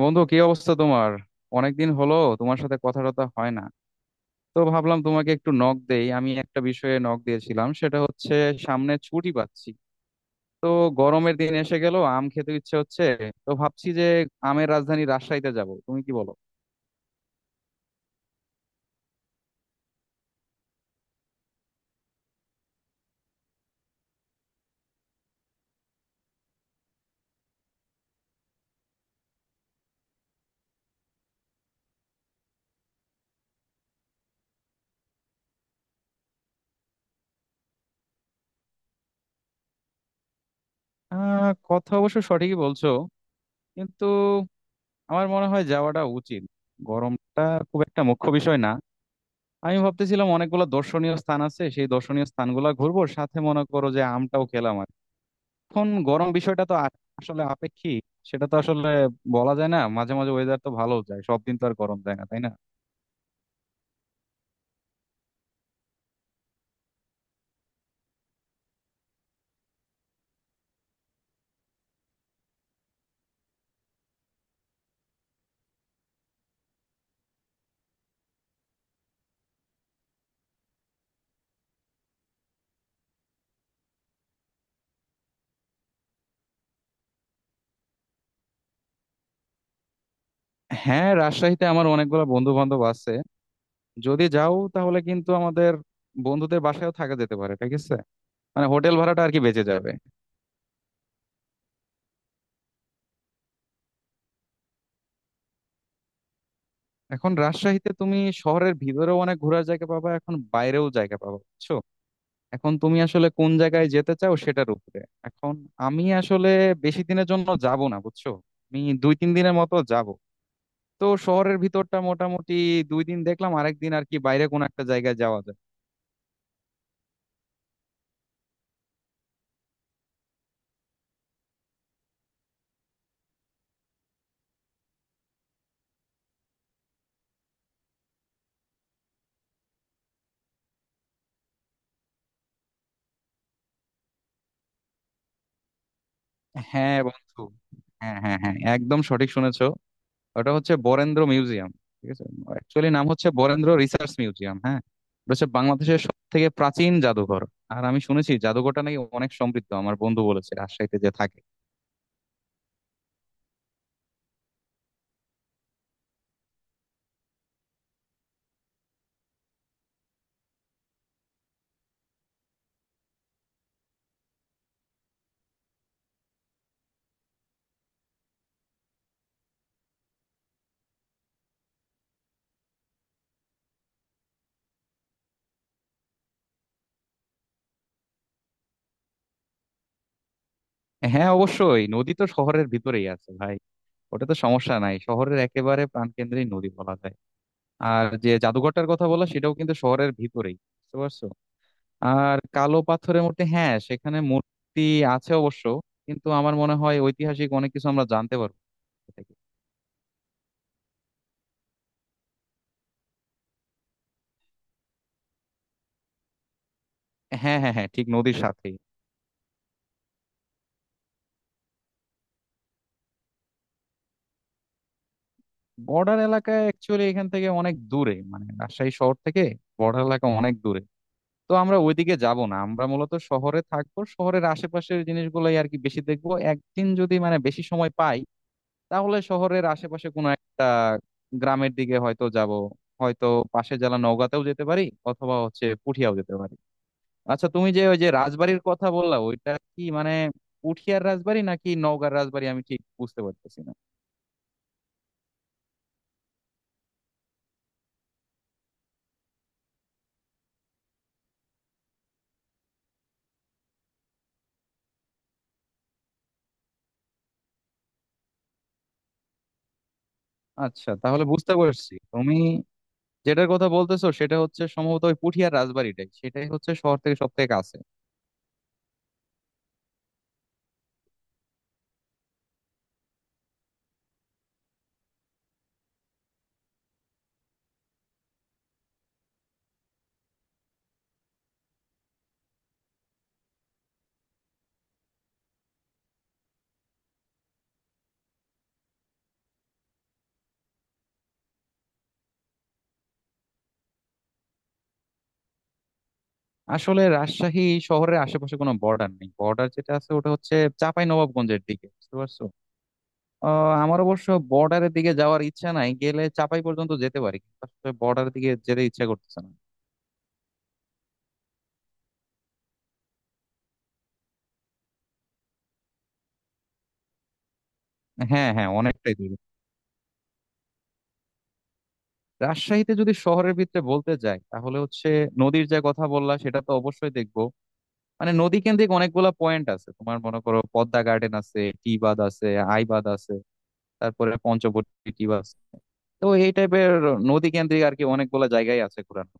বন্ধু, কি অবস্থা তোমার? অনেকদিন হলো তোমার সাথে কথা টথা হয় না। তো ভাবলাম তোমাকে একটু নক দেই। আমি একটা বিষয়ে নক দিয়েছিলাম, সেটা হচ্ছে সামনে ছুটি পাচ্ছি। তো গরমের দিন এসে গেল, আম খেতে ইচ্ছে হচ্ছে। তো ভাবছি যে আমের রাজধানী রাজশাহীতে যাব, তুমি কি বলো? আহ, কথা অবশ্য সঠিকই বলছো, কিন্তু আমার মনে হয় যাওয়াটা উচিত। গরমটা খুব একটা মুখ্য বিষয় না। আমি ভাবতেছিলাম অনেকগুলো দর্শনীয় স্থান আছে, সেই দর্শনীয় স্থানগুলো ঘুরবো, সাথে মনে করো যে আমটাও খেলাম। এখন গরম বিষয়টা তো আসলে আপেক্ষিক। সেটা তো আসলে বলা যায় না, মাঝে মাঝে ওয়েদার তো ভালো যায়, সব দিন তো আর গরম যায় না, তাই না? হ্যাঁ, রাজশাহীতে আমার অনেকগুলো বন্ধু বান্ধব আছে। যদি যাও তাহলে কিন্তু আমাদের বন্ধুদের বাসায়ও থাকা যেতে পারে, ঠিক আছে? মানে হোটেল ভাড়াটা আর কি বেঁচে যাবে। এখন রাজশাহীতে তুমি শহরের ভিতরেও অনেক ঘোরার জায়গা পাবা, এখন বাইরেও জায়গা পাবা, বুঝছো? এখন তুমি আসলে কোন জায়গায় যেতে চাও সেটার উপরে। এখন আমি আসলে বেশি দিনের জন্য যাব না, বুঝছো। আমি দুই তিন দিনের মতো যাব। তো শহরের ভিতরটা মোটামুটি দুই দিন দেখলাম, আরেকদিন আর কি বাইরে কোনো একটা জায়গায় যাওয়া যায়। হ্যাঁ বন্ধু। হ্যাঁ, হ্যাঁ, হ্যাঁ, একদম সঠিক শুনেছো। ওটা হচ্ছে বরেন্দ্র মিউজিয়াম, ঠিক আছে। অ্যাকচুয়ালি নাম হচ্ছে বরেন্দ্র রিসার্চ মিউজিয়াম, হ্যাঁ। এটা হচ্ছে বাংলাদেশের সব থেকে প্রাচীন জাদুঘর। আর আমি শুনেছি জাদুঘরটা নাকি অনেক সমৃদ্ধ, আমার বন্ধু বলেছে রাজশাহীতে যে থাকে। হ্যাঁ, অবশ্যই নদী তো শহরের ভিতরেই আছে, ভাই। ওটা তো সমস্যা নাই, শহরের একেবারে প্রাণকেন্দ্রেই নদী বলা যায়। আর যে জাদুঘরটার কথা বলা, সেটাও কিন্তু শহরের ভিতরেই, বুঝতে পারছো? আর কালো পাথরের মূর্তি, হ্যাঁ সেখানে মূর্তি আছে অবশ্য, কিন্তু আমার মনে হয় ঐতিহাসিক অনেক কিছু আমরা জানতে পারবো এ থেকে। হ্যাঁ, হ্যাঁ, হ্যাঁ, ঠিক নদীর সাথেই। বর্ডার এলাকায় অ্যাকচুয়ালি এখান থেকে অনেক দূরে, মানে রাজশাহী শহর থেকে বর্ডার এলাকা অনেক দূরে। তো আমরা ওইদিকে যাব না, আমরা মূলত শহরে থাকবো, শহরের আশেপাশের জিনিসগুলোই আর কি বেশি দেখবো। একদিন যদি মানে বেশি সময় পাই, তাহলে শহরের আশেপাশে কোনো একটা গ্রামের দিকে হয়তো যাব। হয়তো পাশে জেলা নওগাঁতেও যেতে পারি, অথবা হচ্ছে পুঠিয়াও যেতে পারি। আচ্ছা, তুমি যে ওই যে রাজবাড়ির কথা বললা, ওইটা কি মানে পুঠিয়ার রাজবাড়ি নাকি নওগাঁর রাজবাড়ি, আমি ঠিক বুঝতে পারতেছি না। আচ্ছা, তাহলে বুঝতে পারছি, তুমি যেটার কথা বলতেছো সেটা হচ্ছে সম্ভবত ওই পুঠিয়ার রাজবাড়িটাই, সেটাই হচ্ছে শহর থেকে সব থেকে কাছে। আসলে রাজশাহী শহরের আশেপাশে কোনো বর্ডার নেই, বর্ডার যেটা আছে ওটা হচ্ছে চাঁপাই নবাবগঞ্জের দিকে, বুঝতে পারছো? আহ, আমার অবশ্য বর্ডারের দিকে যাওয়ার ইচ্ছা নাই, গেলে চাঁপাই পর্যন্ত যেতে পারি, কিন্তু বর্ডারের দিকে যেতে ইচ্ছা করতেছে না। হ্যাঁ, হ্যাঁ, অনেকটাই দূর। রাজশাহীতে যদি শহরের ভিতরে বলতে যাই, তাহলে হচ্ছে নদীর যে কথা বললা সেটা তো অবশ্যই দেখবো। মানে নদী কেন্দ্রিক অনেকগুলা পয়েন্ট আছে তোমার, মনে করো পদ্মা গার্ডেন আছে, টি বাঁধ আছে, আইবাদ আছে, তারপরে পঞ্চবটী টি বাঁধ আছে। তো এই টাইপের নদী কেন্দ্রিক আর কি অনেকগুলা জায়গায় আছে ঘোরানো।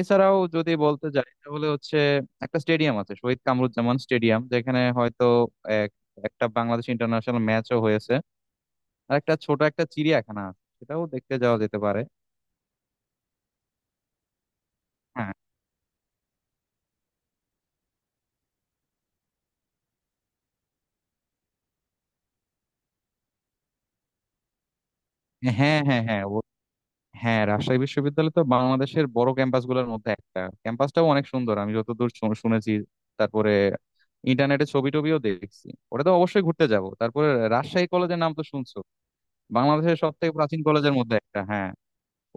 এছাড়াও যদি বলতে যাই তাহলে হচ্ছে একটা স্টেডিয়াম আছে, শহীদ কামরুজ্জামান স্টেডিয়াম, যেখানে হয়তো এক একটা বাংলাদেশ ইন্টারন্যাশনাল ম্যাচও হয়েছে। আর একটা ছোট একটা চিড়িয়াখানা আছে, সেটাও দেখতে যাওয়া যেতে পারে। হ্যাঁ। হ্যাঁ, হ্যাঁ, হ্যাঁ, হ্যাঁ, রাজশাহী বিশ্ববিদ্যালয় তো বাংলাদেশের বড় ক্যাম্পাস গুলোর মধ্যে একটা, ক্যাম্পাসটাও অনেক সুন্দর আমি যতদূর শুনেছি। তারপরে ইন্টারনেটে ছবি টবিও দেখছি। ওটা তো অবশ্যই ঘুরতে যাব। তারপরে রাজশাহী কলেজের নাম তো শুনছো, বাংলাদেশের সব থেকে প্রাচীন কলেজের মধ্যে একটা, হ্যাঁ।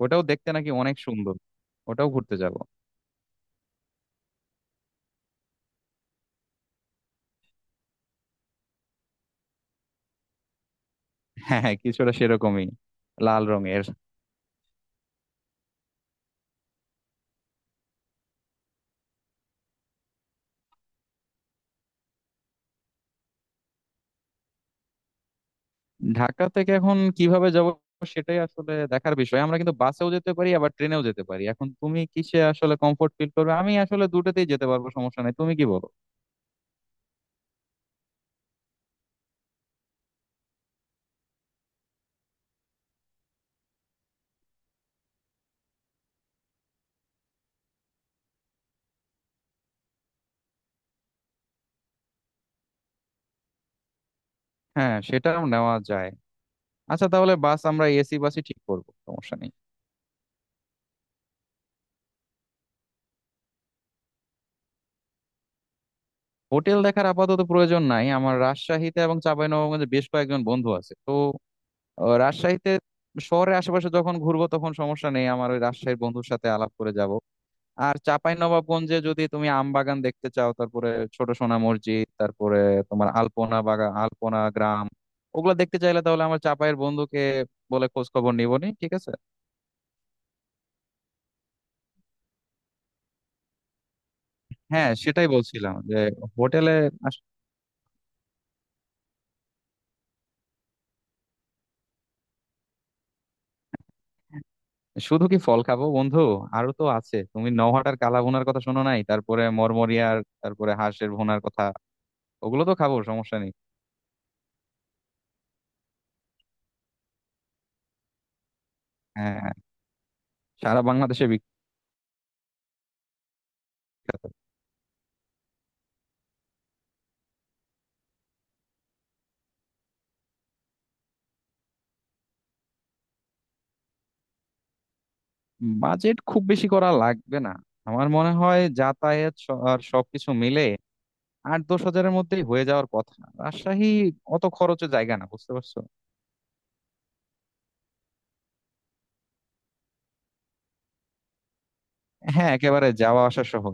ওটাও দেখতে নাকি অনেক সুন্দর। ওটাও ঘুরতে যাব। হ্যাঁ, হ্যাঁ, কিছুটা সেরকমই, লাল রঙের। ঢাকা থেকে এখন কিভাবে যাব সেটাই আসলে দেখার বিষয়। আমরা কিন্তু বাসেও যেতে পারি, আবার ট্রেনেও যেতে পারি। এখন তুমি কিসে আসলে কমফোর্ট ফিল করবে, আমি আসলে দুটোতেই যেতে পারবো, সমস্যা নাই। তুমি কি বলো? হ্যাঁ, সেটাও নেওয়া যায়। আচ্ছা, তাহলে বাস আমরা এসি বাসই ঠিক করবো, সমস্যা নেই। হোটেল দেখার আপাতত প্রয়োজন নাই আমার, রাজশাহীতে এবং চাঁপাইনবাবগঞ্জে বেশ কয়েকজন বন্ধু আছে তো। আহ, রাজশাহীতে শহরের আশেপাশে যখন ঘুরবো তখন সমস্যা নেই, আমার ওই রাজশাহীর বন্ধুর সাথে আলাপ করে যাব। আর চাঁপাই নবাবগঞ্জে যদি তুমি আম বাগান দেখতে চাও, তারপরে ছোট সোনা মসজিদ, তারপরে তোমার আলপনা বাগান, আলপনা গ্রাম, ওগুলা দেখতে চাইলে তাহলে আমার চাঁপাইয়ের বন্ধুকে বলে খোঁজ খবর নিবনি, ঠিক আছে। হ্যাঁ, সেটাই বলছিলাম যে হোটেলে আস- শুধু কি ফল খাবো বন্ধু? আরো তো আছে, তুমি নওহাটার কালা ভুনার কথা শোনো নাই? তারপরে মরমরিয়ার, তারপরে হাঁসের ভুনার কথা। ওগুলো তো খাবো, সমস্যা নেই। হ্যাঁ, হ্যাঁ, সারা বাংলাদেশে বিখ্যাত। বাজেট খুব বেশি করা লাগবে না। আমার মনে হয় যাতায়াত আর সবকিছু মিলে আট দশ হাজারের মধ্যেই হয়ে যাওয়ার কথা। রাজশাহী অত খরচের জায়গা না, বুঝতে পারছো। হ্যাঁ, একেবারে যাওয়া আসা সহ।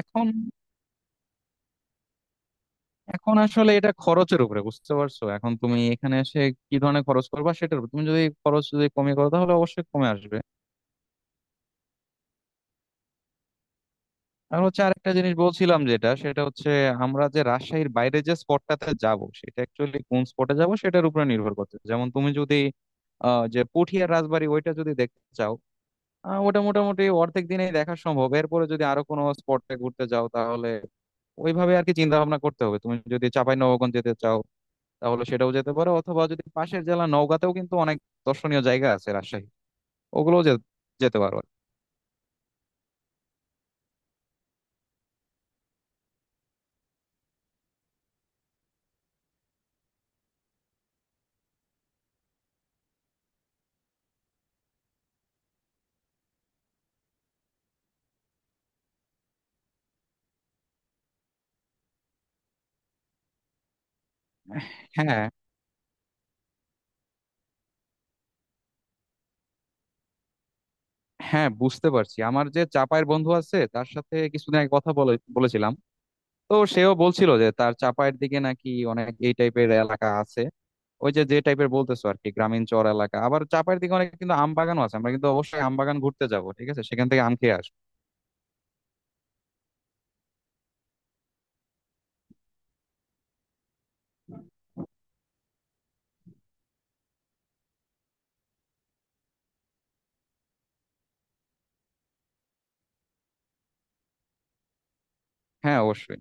এখন এখন আসলে এটা খরচের উপরে, বুঝতে পারছো। এখন তুমি এখানে এসে কি ধরনের খরচ করবা সেটার উপর, তুমি যদি খরচ যদি কমিয়ে করো তাহলে অবশ্যই কমে আসবে। আর হচ্ছে আরেকটা জিনিস বলছিলাম যেটা, সেটা হচ্ছে আমরা যে রাজশাহীর বাইরে যে স্পটটাতে যাব, সেটা অ্যাকচুয়ালি কোন স্পটে যাব সেটার উপরে নির্ভর করতে। যেমন তুমি যদি আহ, যে পুঠিয়ার রাজবাড়ি ওইটা যদি দেখতে চাও, আহ, ওটা মোটামুটি অর্ধেক দিনেই দেখা সম্ভব। এরপরে যদি আরো কোনো স্পটে ঘুরতে যাও, তাহলে ওইভাবে আর কি চিন্তা ভাবনা করতে হবে। তুমি যদি চাঁপাই নবাবগঞ্জ যেতে চাও, তাহলে সেটাও যেতে পারো। অথবা যদি পাশের জেলা নওগাঁতেও কিন্তু অনেক দর্শনীয় জায়গা আছে রাজশাহী, ওগুলোও যেতে পারো। হ্যাঁ, হ্যাঁ, বুঝতে পারছি। আমার যে চাপায়ের বন্ধু আছে, তার সাথে কিছুদিন আগে কথা বলে বলেছিলাম, তো সেও বলছিল যে তার চাপায়ের দিকে নাকি অনেক এই টাইপের এলাকা আছে, ওই যে যে টাইপের বলতেছো আর কি, গ্রামীণ চর এলাকা। আবার চাপায়ের দিকে অনেক কিন্তু আম বাগানও আছে, আমরা কিন্তু অবশ্যই আম বাগান ঘুরতে যাব, ঠিক আছে, সেখান থেকে আম খেয়ে আসবো। হ্যাঁ, অবশ্যই।